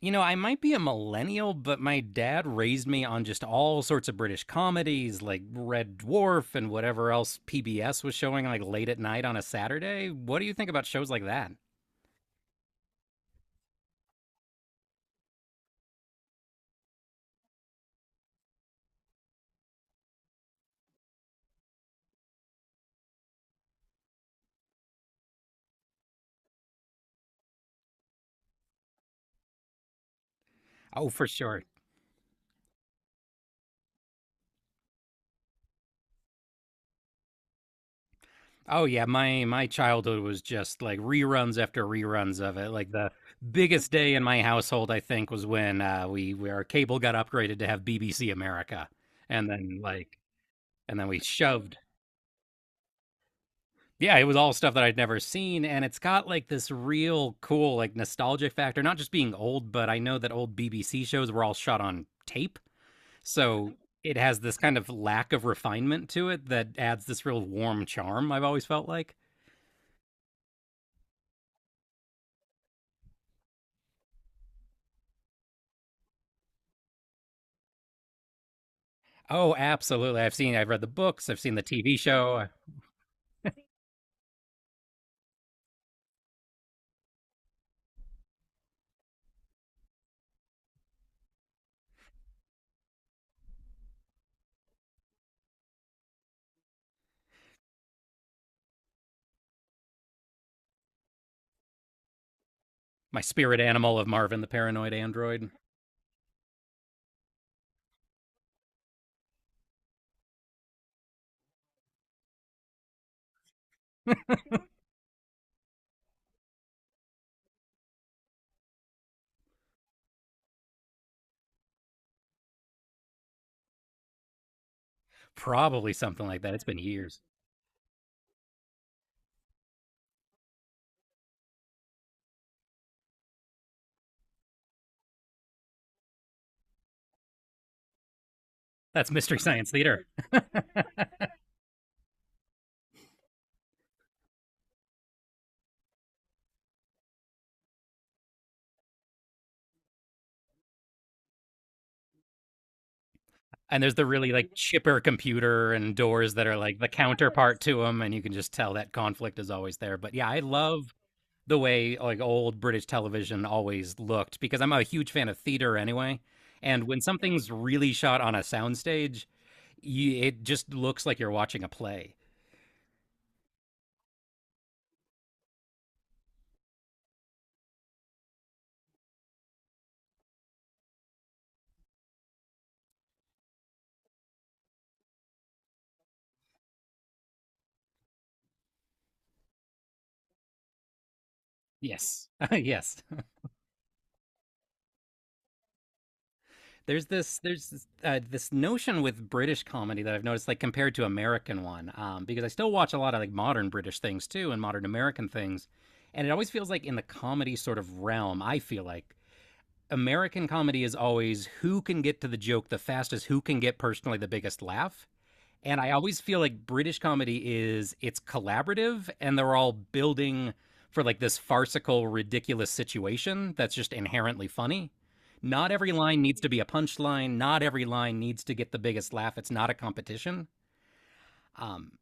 I might be a millennial, but my dad raised me on just all sorts of British comedies like Red Dwarf and whatever else PBS was showing like late at night on a Saturday. What do you think about shows like that? Oh, for sure. Oh yeah, my childhood was just like reruns after reruns of it. Like the biggest day in my household, I think, was when we our cable got upgraded to have BBC America, and then like and then we shoved. Yeah, it was all stuff that I'd never seen, and it's got like this real cool, like nostalgic factor. Not just being old, but I know that old BBC shows were all shot on tape, so it has this kind of lack of refinement to it that adds this real warm charm, I've always felt like. Oh, absolutely. I've seen, I've read the books, I've seen the TV show, my spirit animal of Marvin the Paranoid Android. Probably something like that. It's been years. That's Mystery Science Theater. and there's the really like chipper computer and doors that are like the counterpart to them, and you can just tell that conflict is always there, but yeah, I love the way like old British television always looked, because I'm a huge fan of theater anyway. And when something's really shot on a soundstage, you, it just looks like you're watching a play. Yes, yes. There's this, this notion with British comedy that I've noticed, like compared to American one, because I still watch a lot of like modern British things too and modern American things, and it always feels like in the comedy sort of realm, I feel like American comedy is always who can get to the joke the fastest, who can get personally the biggest laugh, and I always feel like British comedy is it's collaborative and they're all building for like this farcical, ridiculous situation that's just inherently funny. Not every line needs to be a punchline. Not every line needs to get the biggest laugh. It's not a competition. Um,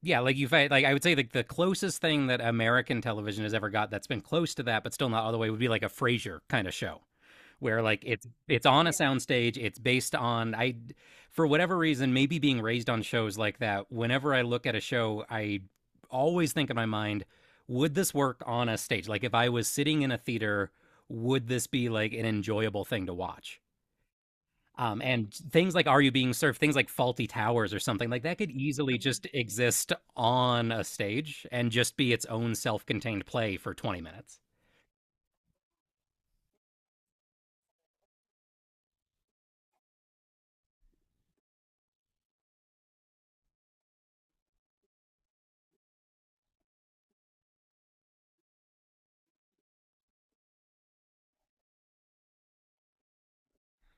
yeah, like you have, like I would say like the closest thing that American television has ever got that's been close to that, but still not all the way, would be like a Frasier kind of show where like it's on a soundstage, it's based on, I, for whatever reason, maybe being raised on shows like that, whenever I look at a show I always think in my mind, would this work on a stage? Like if I was sitting in a theater, would this be like an enjoyable thing to watch? And things like Are You Being Served, things like Faulty Towers, or something like that could easily just exist on a stage and just be its own self-contained play for 20 minutes.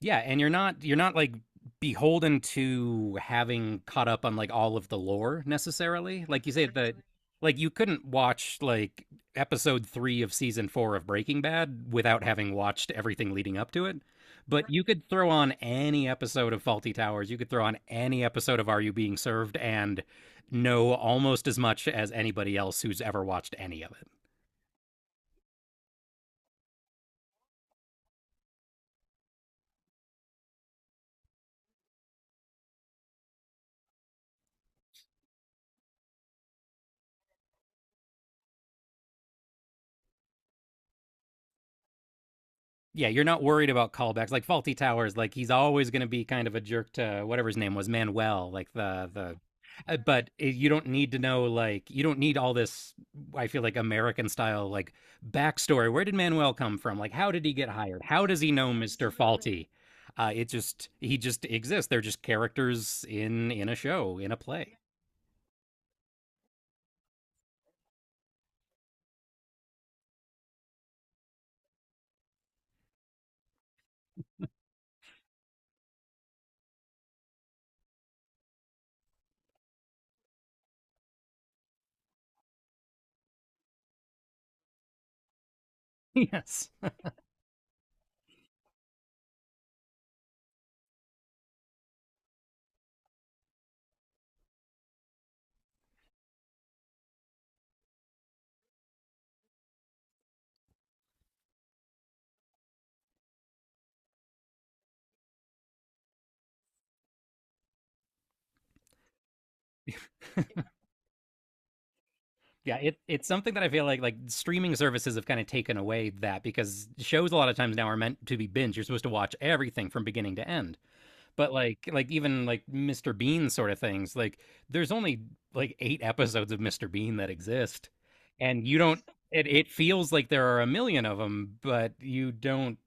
Yeah, and you're not like beholden to having caught up on like all of the lore necessarily. Like you say that, like you couldn't watch like episode 3 of season 4 of Breaking Bad without having watched everything leading up to it. But you could throw on any episode of Faulty Towers, you could throw on any episode of Are You Being Served and know almost as much as anybody else who's ever watched any of it. Yeah, you're not worried about callbacks like Faulty Towers. Like he's always going to be kind of a jerk to whatever his name was, Manuel. Like but you don't need to know, like you don't need all this. I feel like American style like backstory. Where did Manuel come from? Like how did he get hired? How does he know Mister Faulty? It just, he just exists. They're just characters in a show in a play. yes. Yeah, it, it's something that I feel like streaming services have kind of taken away that, because shows a lot of times now are meant to be binge. You're supposed to watch everything from beginning to end. But like even like Mr. Bean sort of things, like there's only like eight episodes of Mr. Bean that exist, and you don't. It feels like there are a million of them, but you don't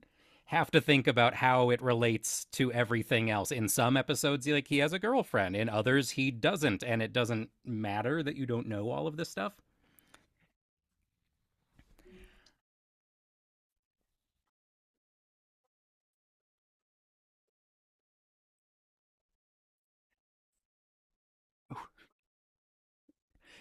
have to think about how it relates to everything else. In some episodes, like he has a girlfriend. In others, he doesn't, and it doesn't matter that you don't know all of this stuff.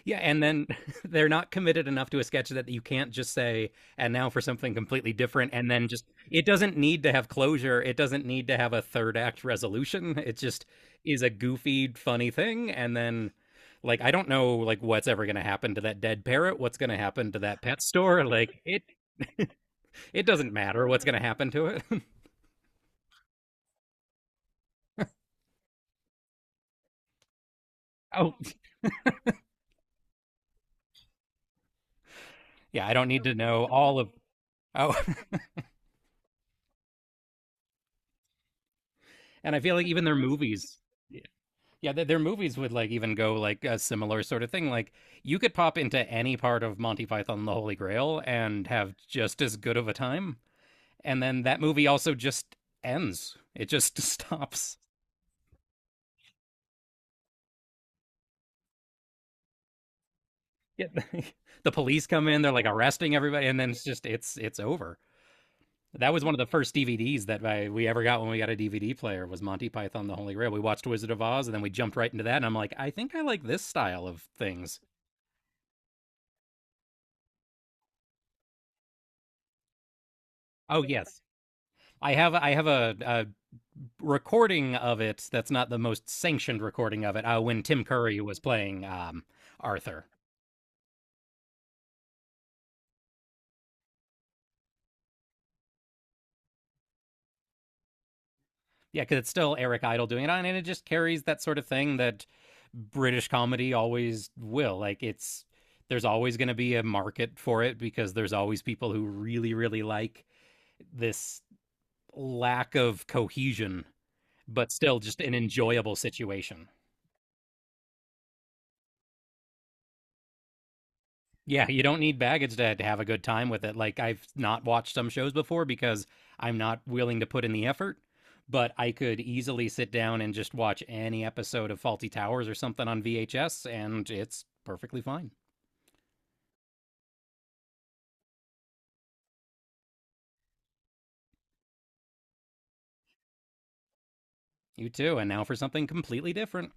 Yeah, and then they're not committed enough to a sketch that you can't just say, and now for something completely different, and then just, it doesn't need to have closure. It doesn't need to have a third act resolution. It just is a goofy, funny thing. And then, like, I don't know, like, what's ever going to happen to that dead parrot? What's going to happen to that pet store? Like, it doesn't matter what's going to happen to it. oh, yeah, I don't need to know all of. Oh, and I feel like even their movies, yeah, their movies would like even go like a similar sort of thing. Like you could pop into any part of Monty Python and the Holy Grail and have just as good of a time. And then that movie also just ends. It just stops. Yeah. the police come in, they're like arresting everybody, and then it's just it's over. That was one of the first DVDs that we ever got when we got a DVD player, was Monty Python and the Holy Grail. We watched Wizard of Oz and then we jumped right into that and I'm like, I think I like this style of things. Oh yes. I have a recording of it that's not the most sanctioned recording of it, when Tim Curry was playing Arthur. Yeah, because it's still Eric Idle doing it on, and it just carries that sort of thing that British comedy always will. Like it's, there's always going to be a market for it because there's always people who really like this lack of cohesion, but still just an enjoyable situation. Yeah, you don't need baggage to have a good time with it. Like I've not watched some shows before because I'm not willing to put in the effort, but I could easily sit down and just watch any episode of Faulty Towers or something on VHS and it's perfectly fine. You too. And now for something completely different.